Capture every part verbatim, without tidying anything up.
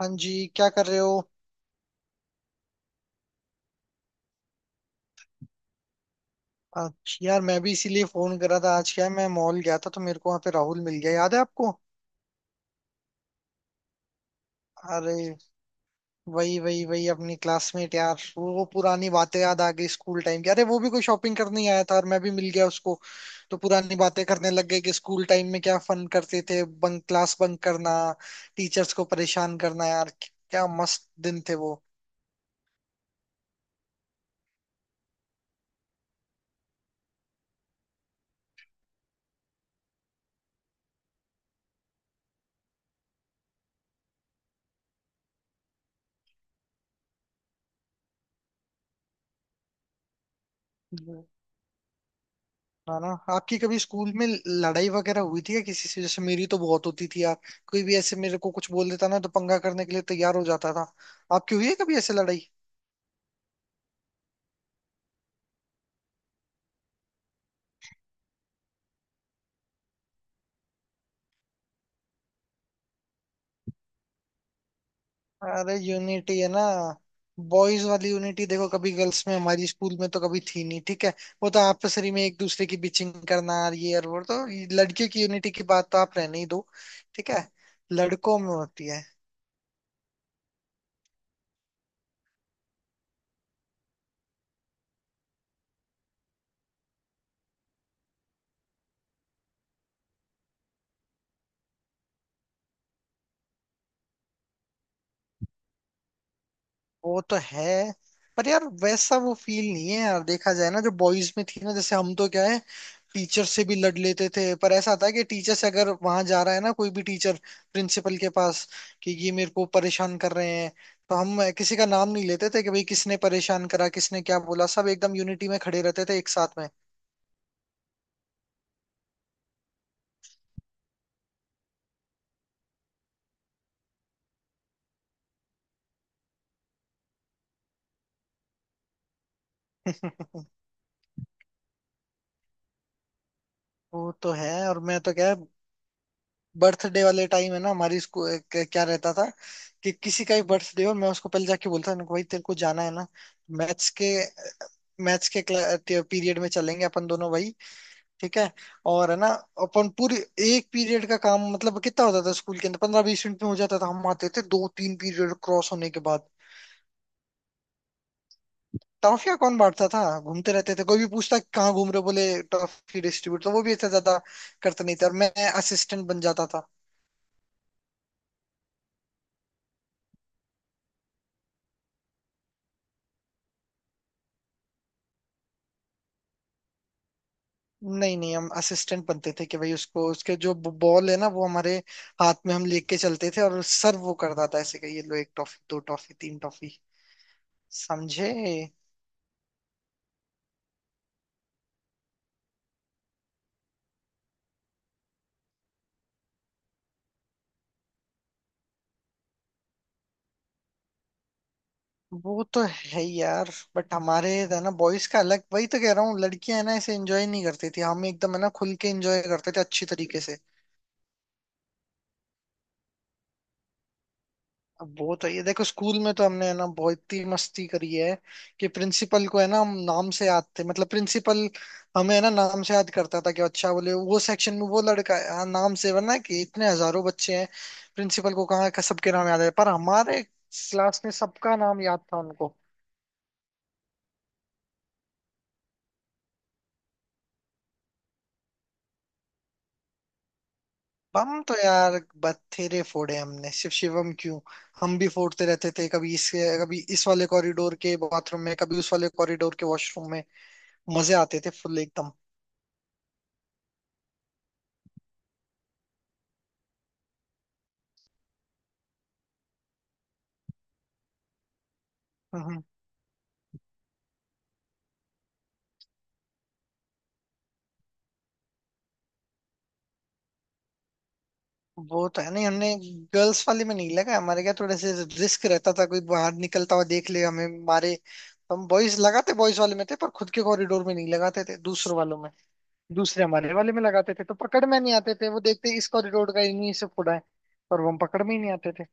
हाँ जी, क्या कर रहे हो? अच्छा यार, मैं भी इसीलिए फोन कर रहा था। आज क्या है, मैं मॉल गया था तो मेरे को वहां पे राहुल मिल गया, याद है आपको? अरे वही वही वही अपनी क्लासमेट यार। वो वो पुरानी बातें याद आ गई स्कूल टाइम की। अरे वो भी कोई शॉपिंग करने ही आया था और मैं भी मिल गया उसको। तो पुरानी बातें करने लग गए कि स्कूल टाइम में क्या फन करते थे, बंक क्लास बंक करना, टीचर्स को परेशान करना। यार क्या मस्त दिन थे वो। है ना। आपकी कभी स्कूल में लड़ाई वगैरह हुई थी या किसी से? जैसे मेरी तो बहुत होती थी यार। कोई भी ऐसे मेरे को कुछ बोल देता ना तो पंगा करने के लिए तैयार हो जाता था। आपकी हुई है कभी ऐसे लड़ाई? अरे यूनिटी है ना, बॉयज वाली यूनिटी देखो, कभी गर्ल्स में हमारी स्कूल में तो कभी थी नहीं, ठीक है। वो तो आपसरी में एक दूसरे की बिचिंग करना और ये और वो, तो ये लड़कियों की यूनिटी की बात तो आप रहने ही दो। ठीक है, लड़कों में होती है। वो तो है। पर यार वैसा वो फील नहीं है यार, देखा जाए ना जो बॉयज में थी ना। जैसे हम तो क्या है, टीचर से भी लड़ लेते थे, पर ऐसा था कि टीचर से अगर वहां जा रहा है ना कोई भी टीचर प्रिंसिपल के पास कि ये मेरे को परेशान कर रहे हैं, तो हम किसी का नाम नहीं लेते थे कि भाई किसने परेशान करा, किसने क्या बोला। सब एकदम यूनिटी में खड़े रहते थे एक साथ में। वो तो है। और मैं तो क्या है, बर्थडे वाले टाइम है ना हमारी स्कूल क्या रहता था कि किसी का भी बर्थडे हो, मैं उसको पहले जाके बोलता था ना, भाई तेरे को जाना है ना मैथ्स के मैथ्स के पीरियड में, चलेंगे अपन दोनों भाई। ठीक है। और है ना, अपन पूरी एक पीरियड का काम मतलब कितना होता था स्कूल के अंदर, पंद्रह बीस मिनट में हो जाता था। हम आते थे दो तीन पीरियड क्रॉस होने के बाद। टॉफियां कौन बांटता था, घूमते रहते थे। कोई भी पूछता कहाँ घूम रहे हो? बोले टॉफी डिस्ट्रीब्यूट। तो वो भी ऐसा ज्यादा करते नहीं थे और मैं असिस्टेंट बन जाता था। नहीं नहीं, हम असिस्टेंट बनते थे कि भाई उसको उसके जो बॉल है ना वो हमारे हाथ में हम लेके चलते थे और सर वो करता था ऐसे कि ये लो एक टॉफी, दो टॉफी, तीन टॉफी। समझे। वो तो है ही यार। बट हमारे है ना बॉयज का अलग, वही तो कह रहा हूँ। लड़कियां है ना ऐसे एंजॉय नहीं करती थी, हम एकदम है ना खुल के एंजॉय करते थे अच्छी तरीके से। अब वो तो ये देखो, स्कूल में तो हमने है ना बहुत ही मस्ती करी है कि प्रिंसिपल को है ना हम नाम से याद थे। मतलब प्रिंसिपल हमें है ना नाम से याद करता था कि अच्छा, बोले वो सेक्शन में वो लड़का है, हाँ, नाम से। वरना कि इतने हजारों बच्चे हैं, प्रिंसिपल को कहाँ का सबके नाम याद है, पर हमारे क्लास में सबका नाम याद था उनको। बम तो यार बथेरे फोड़े हमने। शिव शिवम क्यों, हम भी फोड़ते रहते थे कभी इस कभी इस वाले कॉरिडोर के बाथरूम में, कभी उस वाले कॉरिडोर के वॉशरूम में। मजे आते थे फुल एकदम। हम्म, वो तो है। नहीं हमने गर्ल्स वाले में नहीं लगा, हमारे क्या थोड़े से रिस्क रहता था, कोई बाहर निकलता हुआ देख ले, हमें मारे। तो हम बॉयज लगाते बॉयज वाले में थे, पर खुद के कॉरिडोर में नहीं लगाते थे, दूसरों वालों में। दूसरे हमारे वाले में लगाते थे तो पकड़ में नहीं आते थे। वो देखते इस कॉरिडोर का इन्हीं से फोड़ा है, पर वो हम पकड़ में ही नहीं आते थे।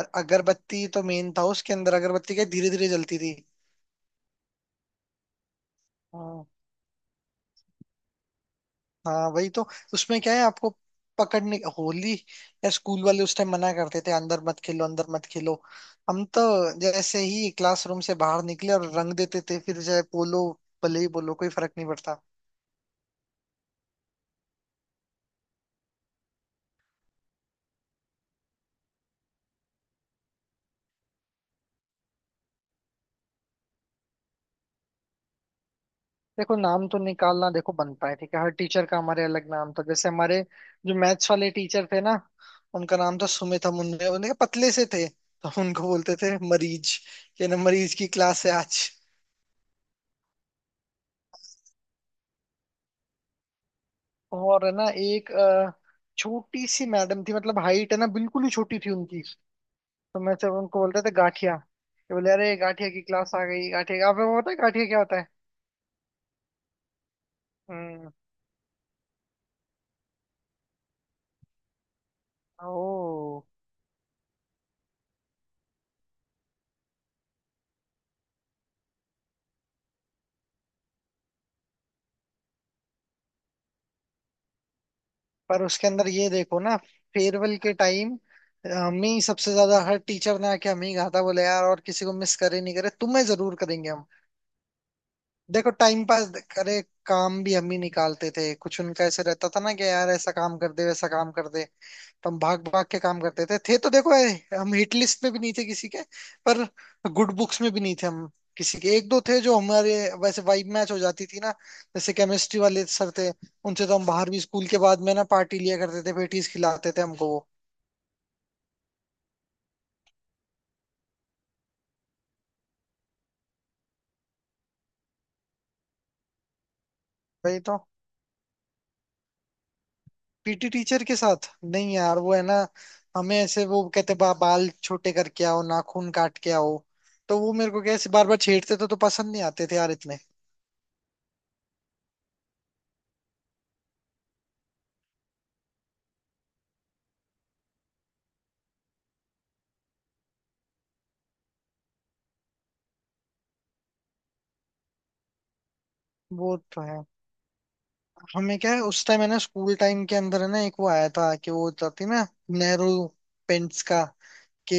अ- अगरबत्ती तो मेन था उसके अंदर, अगरबत्ती क्या धीरे धीरे जलती थी। हाँ। हाँ वही तो। उसमें क्या है आपको पकड़ने? होली, या स्कूल वाले उस टाइम मना करते थे अंदर मत खेलो, अंदर मत खेलो। हम तो जैसे ही क्लासरूम से बाहर निकले और रंग देते थे, फिर चाहे बोलो, भले ही बोलो, कोई फर्क नहीं पड़ता। देखो नाम तो निकालना देखो बनता है, ठीक है, हर टीचर का हमारे अलग नाम था। जैसे हमारे जो मैथ्स वाले टीचर थे ना, उनका नाम था सुमित, हम उनने उनके पतले से थे तो हम उनको बोलते थे मरीज। ये ना मरीज की क्लास है आज। और है ना एक अ, छोटी सी मैडम थी, मतलब हाइट है ना बिल्कुल ही छोटी थी उनकी। तो मैं जब उनको बोलते थे गाठिया, ये बोले अरे गाठिया की क्लास आ गई। गाठिया, आपको पता है गाठिया क्या होता है। हम्म। ओ। पर उसके अंदर ये देखो ना, फेयरवेल के टाइम हमें ही सबसे ज्यादा हर टीचर ने आके हमें ही कहा था, बोले यार और किसी को मिस करे नहीं करे, तुम्हें जरूर करेंगे हम। देखो टाइम पास करे, काम भी हम ही निकालते थे कुछ। उनका ऐसे रहता था ना कि यार ऐसा काम कर दे, वैसा काम कर दे। तो हम भाग भाग के काम करते थे थे। तो देखो ए, हम हिट लिस्ट में भी नहीं थे किसी के, पर गुड बुक्स में भी नहीं थे हम किसी के। एक दो थे जो हमारे वैसे वाइब मैच हो जाती थी ना। जैसे केमिस्ट्री वाले सर थे, उनसे तो हम बाहर भी स्कूल के बाद में ना पार्टी लिया करते थे, पेटीज खिलाते थे हमको वो। वही तो। पीटी टीचर के साथ नहीं यार, वो है ना हमें ऐसे वो कहते बा, बाल छोटे करके आओ, नाखून काट के आओ, तो वो मेरे को कैसे बार बार छेड़ते थे, तो पसंद नहीं आते थे यार इतने। वो तो है। हमें क्या है उस टाइम है ना, स्कूल टाइम के अंदर है ना एक वो आया था कि वो जाती ना नेहरू पेंट्स का, कि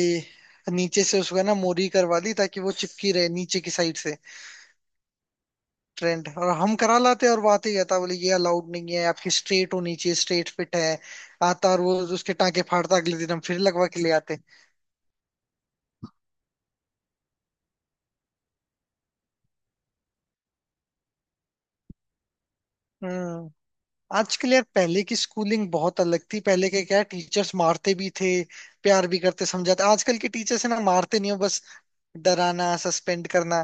नीचे से उसको है ना मोरी करवा दी ताकि वो चिपकी रहे नीचे की साइड से। ट्रेंड, और हम करा लाते, और बात ही कहता बोले ये अलाउड नहीं है, आपकी स्ट्रेट होनी चाहिए, स्ट्रेट फिट है। आता और वो उसके टांके फाड़ता, अगले दिन हम फिर लगवा के ले आते। हम्म। आजकल यार, पहले की स्कूलिंग बहुत अलग थी, पहले के क्या टीचर्स मारते भी थे, प्यार भी करते, समझाते। आजकल के टीचर्स है ना मारते नहीं हो, बस डराना, सस्पेंड करना।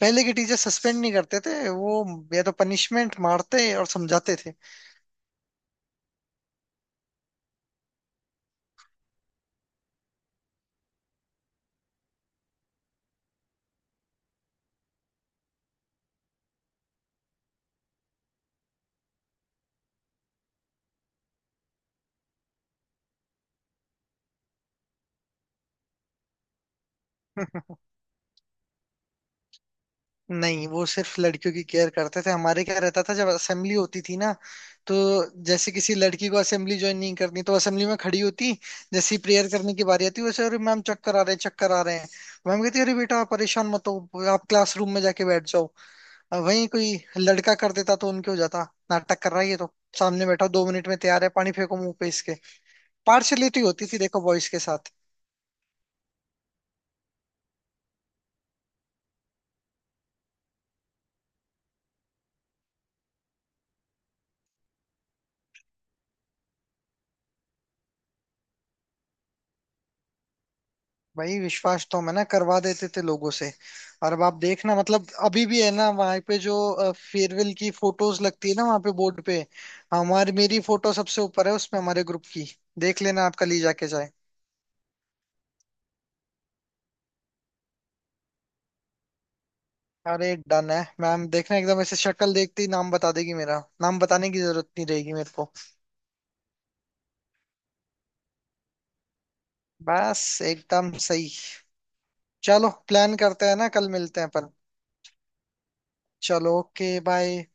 पहले के टीचर सस्पेंड नहीं करते थे वो, या तो पनिशमेंट, मारते और समझाते थे। नहीं, वो सिर्फ लड़कियों की केयर करते थे। हमारे क्या रहता था, जब असेंबली होती थी ना, तो जैसे किसी लड़की को असेंबली ज्वाइन नहीं करनी तो असेंबली में खड़ी होती, जैसे ही प्रेयर करने की बारी आती वैसे अरे मैम चक्कर आ रहे हैं, चक्कर आ रहे हैं। मैम कहती अरे बेटा आप परेशान मत हो, आप क्लासरूम में जाके बैठ जाओ। अब वहीं कोई लड़का कर देता तो उनके हो जाता नाटक कर रहा है ये तो, सामने बैठा, दो मिनट में तैयार है, पानी फेंको मुंह पे इसके। पार्शलिटी होती थी देखो बॉयज के साथ। भाई विश्वास तो हम है ना करवा देते थे लोगों से। और अब आप देखना, मतलब अभी भी है ना वहां पे जो फेयरवेल की फोटोज लगती है ना वहां पे बोर्ड पे, हमारी मेरी फोटो सबसे ऊपर है उसमें, हमारे ग्रुप की। देख लेना आपका ली जाके जाए। अरे डन है, मैम देखना एकदम ऐसे शक्ल देखते ही नाम बता देगी, मेरा नाम बताने की जरूरत नहीं रहेगी मेरे को। बस एकदम सही। चलो प्लान करते हैं ना, कल मिलते हैं अपन। चलो ओके बाय।